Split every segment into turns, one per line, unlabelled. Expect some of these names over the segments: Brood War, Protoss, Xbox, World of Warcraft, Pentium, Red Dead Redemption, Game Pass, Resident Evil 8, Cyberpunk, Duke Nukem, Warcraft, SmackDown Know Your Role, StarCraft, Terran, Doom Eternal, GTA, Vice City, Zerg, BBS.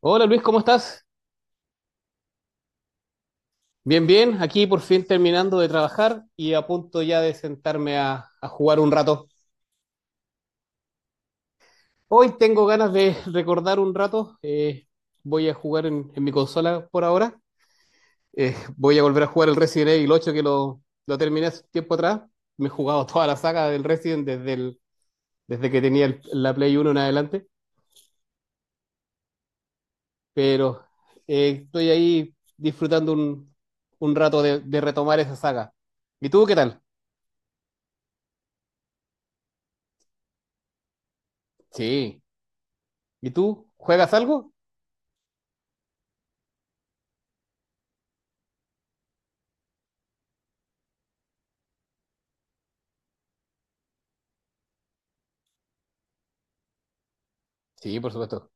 Hola Luis, ¿cómo estás? Bien, bien, aquí por fin terminando de trabajar y a punto ya de sentarme a jugar un rato. Hoy tengo ganas de recordar un rato, voy a jugar en mi consola por ahora. Voy a volver a jugar el Resident Evil 8 que lo terminé hace tiempo atrás, me he jugado toda la saga del Resident desde que tenía la Play Uno en adelante, pero estoy ahí disfrutando un rato de retomar esa saga. ¿Y tú qué tal? Sí. ¿Y tú juegas algo? Sí, por supuesto.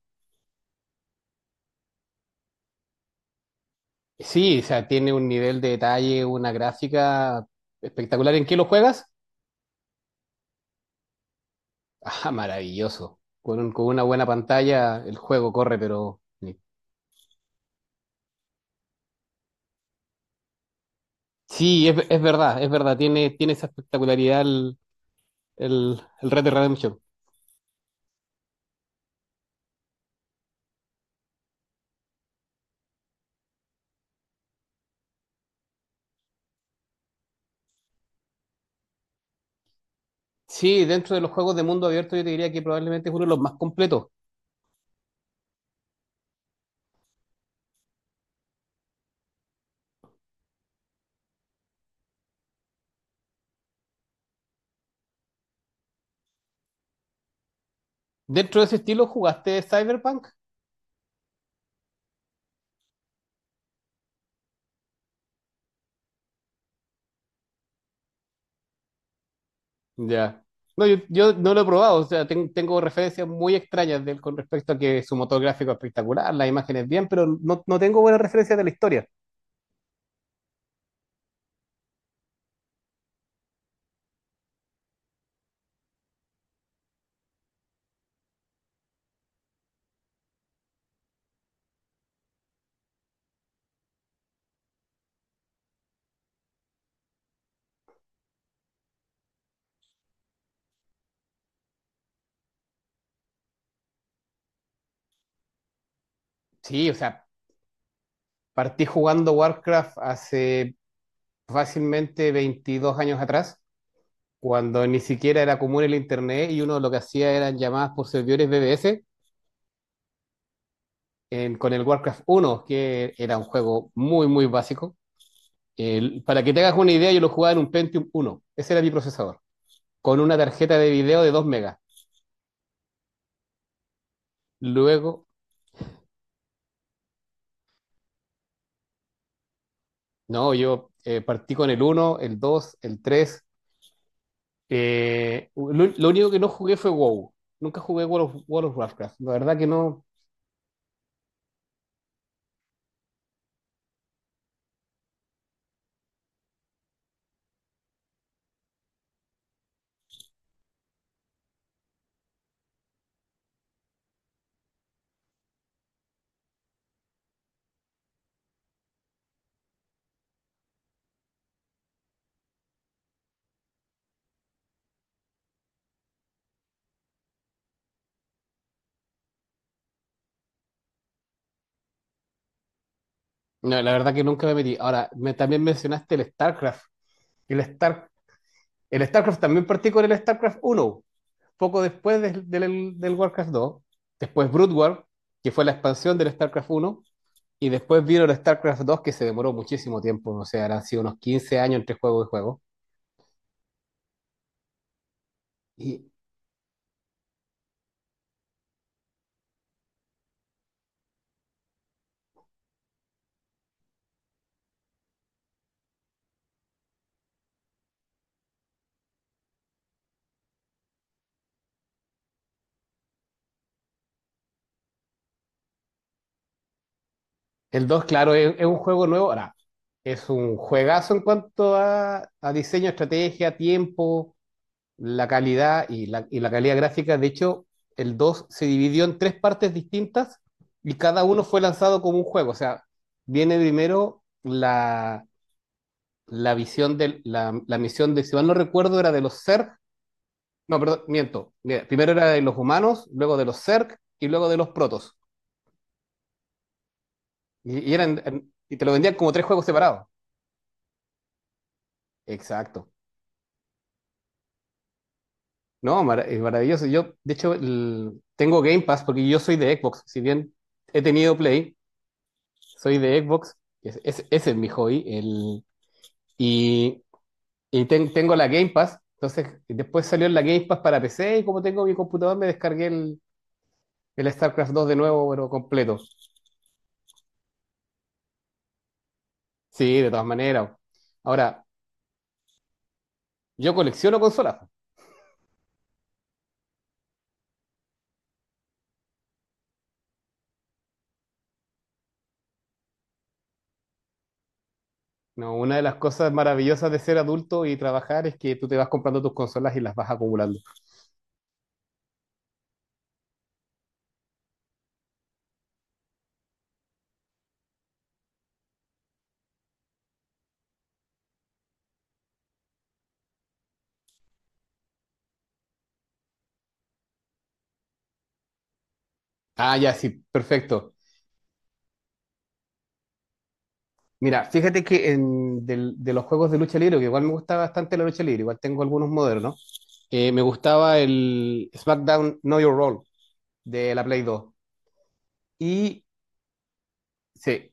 Sí, o sea, tiene un nivel de detalle, una gráfica espectacular. ¿En qué lo juegas? Ah, maravilloso. Con una buena pantalla el juego corre, pero. Sí, es verdad, es verdad. Tiene esa espectacularidad el Red Dead Redemption. Sí, dentro de los juegos de mundo abierto yo te diría que probablemente es uno de los más completos. ¿Dentro de ese estilo jugaste Cyberpunk? Ya. No, yo no lo he probado, o sea, tengo referencias muy extrañas de él con respecto a que su motor gráfico es espectacular, las imágenes bien, pero no tengo buenas referencias de la historia. Sí, o sea, partí jugando Warcraft hace fácilmente 22 años atrás, cuando ni siquiera era común el internet y uno lo que hacía eran llamadas por servidores BBS con el Warcraft uno, que era un juego muy, muy básico. Para que te hagas una idea, yo lo jugaba en un Pentium uno, ese era mi procesador, con una tarjeta de video de 2 megas. Luego, no, yo partí con el uno, el dos, el tres, lo único que no jugué fue WoW. Nunca jugué World of Warcraft. La verdad que no, no, la verdad que nunca me metí. Ahora, también mencionaste el StarCraft. El, Star, el StarCraft también partí con el StarCraft uno, poco después del Warcraft dos. Después Brood War, que fue la expansión del StarCraft uno. Y después vino el StarCraft dos, que se demoró muchísimo tiempo. O sea, han sido unos 15 años entre juego y juego. Y el 2, claro, es un juego nuevo. Ahora, es un juegazo en cuanto a diseño, estrategia, tiempo, la calidad y y la calidad gráfica. De hecho, el 2 se dividió en tres partes distintas y cada uno fue lanzado como un juego. O sea, viene primero la visión de la misión de, si mal no recuerdo, era de los Zerg. No, perdón, miento. Mira, primero era de los humanos, luego de los Zerg y luego de los protos. Y eran, y te lo vendían como tres juegos separados. Exacto. No, es maravilloso. Yo, de hecho, tengo Game Pass porque yo soy de Xbox. Si bien he tenido Play, soy de Xbox. Ese es mi hobby. El, y y ten- tengo la Game Pass. Entonces, después salió la Game Pass para PC y como tengo mi computador, me descargué el StarCraft 2 de nuevo, pero completo. Sí, de todas maneras. Ahora, yo colecciono consolas. No, una de las cosas maravillosas de ser adulto y trabajar es que tú te vas comprando tus consolas y las vas acumulando. Ah, ya, sí, perfecto. Mira, fíjate que de los juegos de lucha libre, que igual me gusta bastante la lucha libre, igual tengo algunos modernos, me gustaba el SmackDown Know Your Role de la Play dos. Y sí,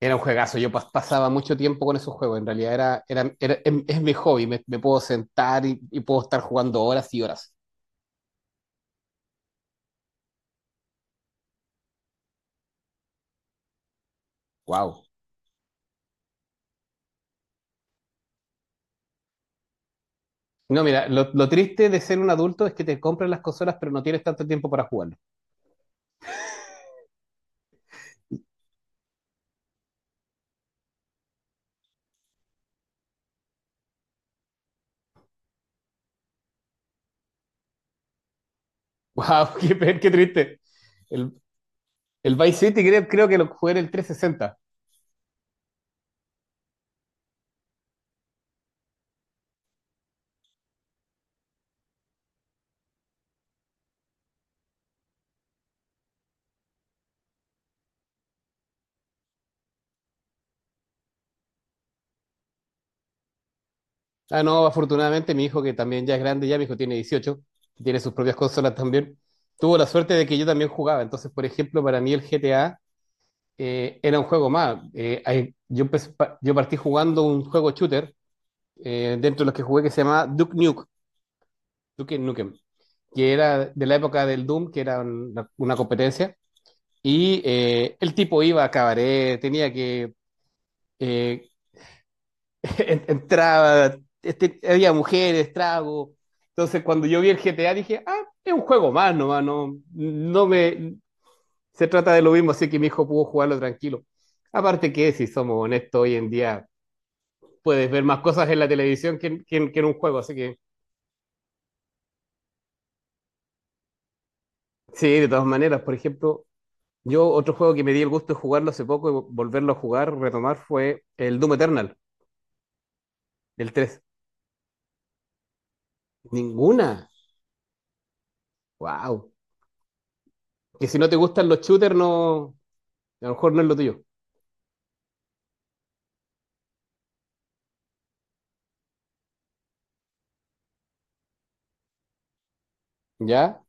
era un juegazo, pasaba mucho tiempo con esos juegos, en realidad es, mi hobby, me puedo sentar y puedo estar jugando horas y horas. Wow. No, mira, lo triste de ser un adulto es que te compras las consolas, pero no tienes tanto tiempo para jugarlo. Wow, qué triste. El, el Vice City, creo que lo jugué en el 360. Ah, no, afortunadamente mi hijo, que también ya es grande, ya mi hijo tiene 18, tiene sus propias consolas también, tuvo la suerte de que yo también jugaba. Entonces, por ejemplo, para mí el GTA era un juego más. Yo partí jugando un juego shooter, dentro de los que jugué que se llamaba Duke Nukem, que era de la época del Doom, que era una competencia. Y el tipo iba a cabaret, tenía que eh, entraba, este, había mujeres, trago. Entonces, cuando yo vi el GTA, dije, ah, es un juego más nomás, no, no me. Se trata de lo mismo, así que mi hijo pudo jugarlo tranquilo. Aparte que, si somos honestos, hoy en día puedes ver más cosas en la televisión que en un juego, así que sí, de todas maneras. Por ejemplo, yo otro juego que me di el gusto de jugarlo hace poco y volverlo a jugar, retomar, fue el Doom Eternal, el tres. Ninguna. Wow. Que si no te gustan los shooters, no, a lo mejor no es lo tuyo. ¿Ya?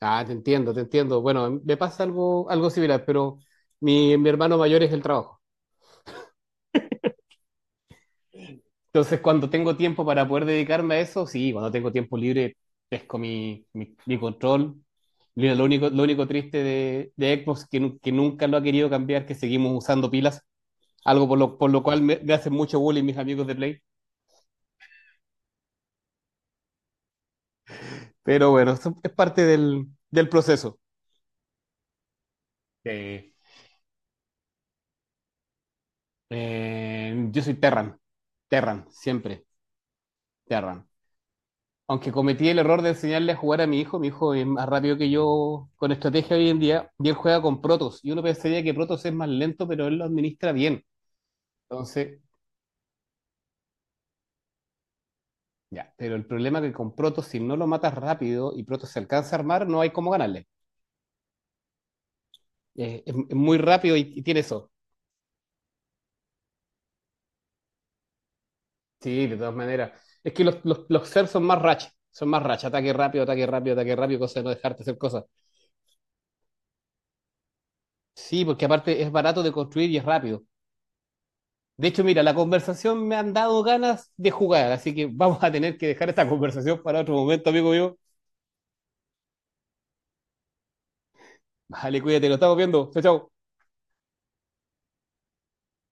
Ah, te entiendo, te entiendo. Bueno, me pasa algo similar, pero mi hermano mayor es el trabajo. Entonces, cuando tengo tiempo para poder dedicarme a eso, sí, cuando tengo tiempo libre, pesco mi control. Mira, lo único triste de Xbox es que, que nunca lo ha querido cambiar, que seguimos usando pilas, algo por lo cual me hacen mucho bullying mis amigos de Play. Pero bueno, eso es parte del proceso. Eh, yo soy Terran, Terran, siempre, Terran. Aunque cometí el error de enseñarle a jugar a mi hijo es más rápido que yo con estrategia hoy en día, y él juega con Protoss. Y uno pensaría que Protoss es más lento, pero él lo administra bien. Entonces, ya, pero el problema es que con Protoss, si no lo matas rápido y Protoss se alcanza a armar, no hay cómo ganarle. Es muy rápido y tiene eso. Sí, de todas maneras. Es que los Zerg son más racha, ataque rápido, ataque rápido, ataque rápido, cosa de no dejarte hacer cosas. Sí, porque aparte es barato de construir y es rápido. De hecho, mira, la conversación me han dado ganas de jugar, así que vamos a tener que dejar esta conversación para otro momento, amigo mío. Vale, cuídate, lo estamos viendo. Chao, chao.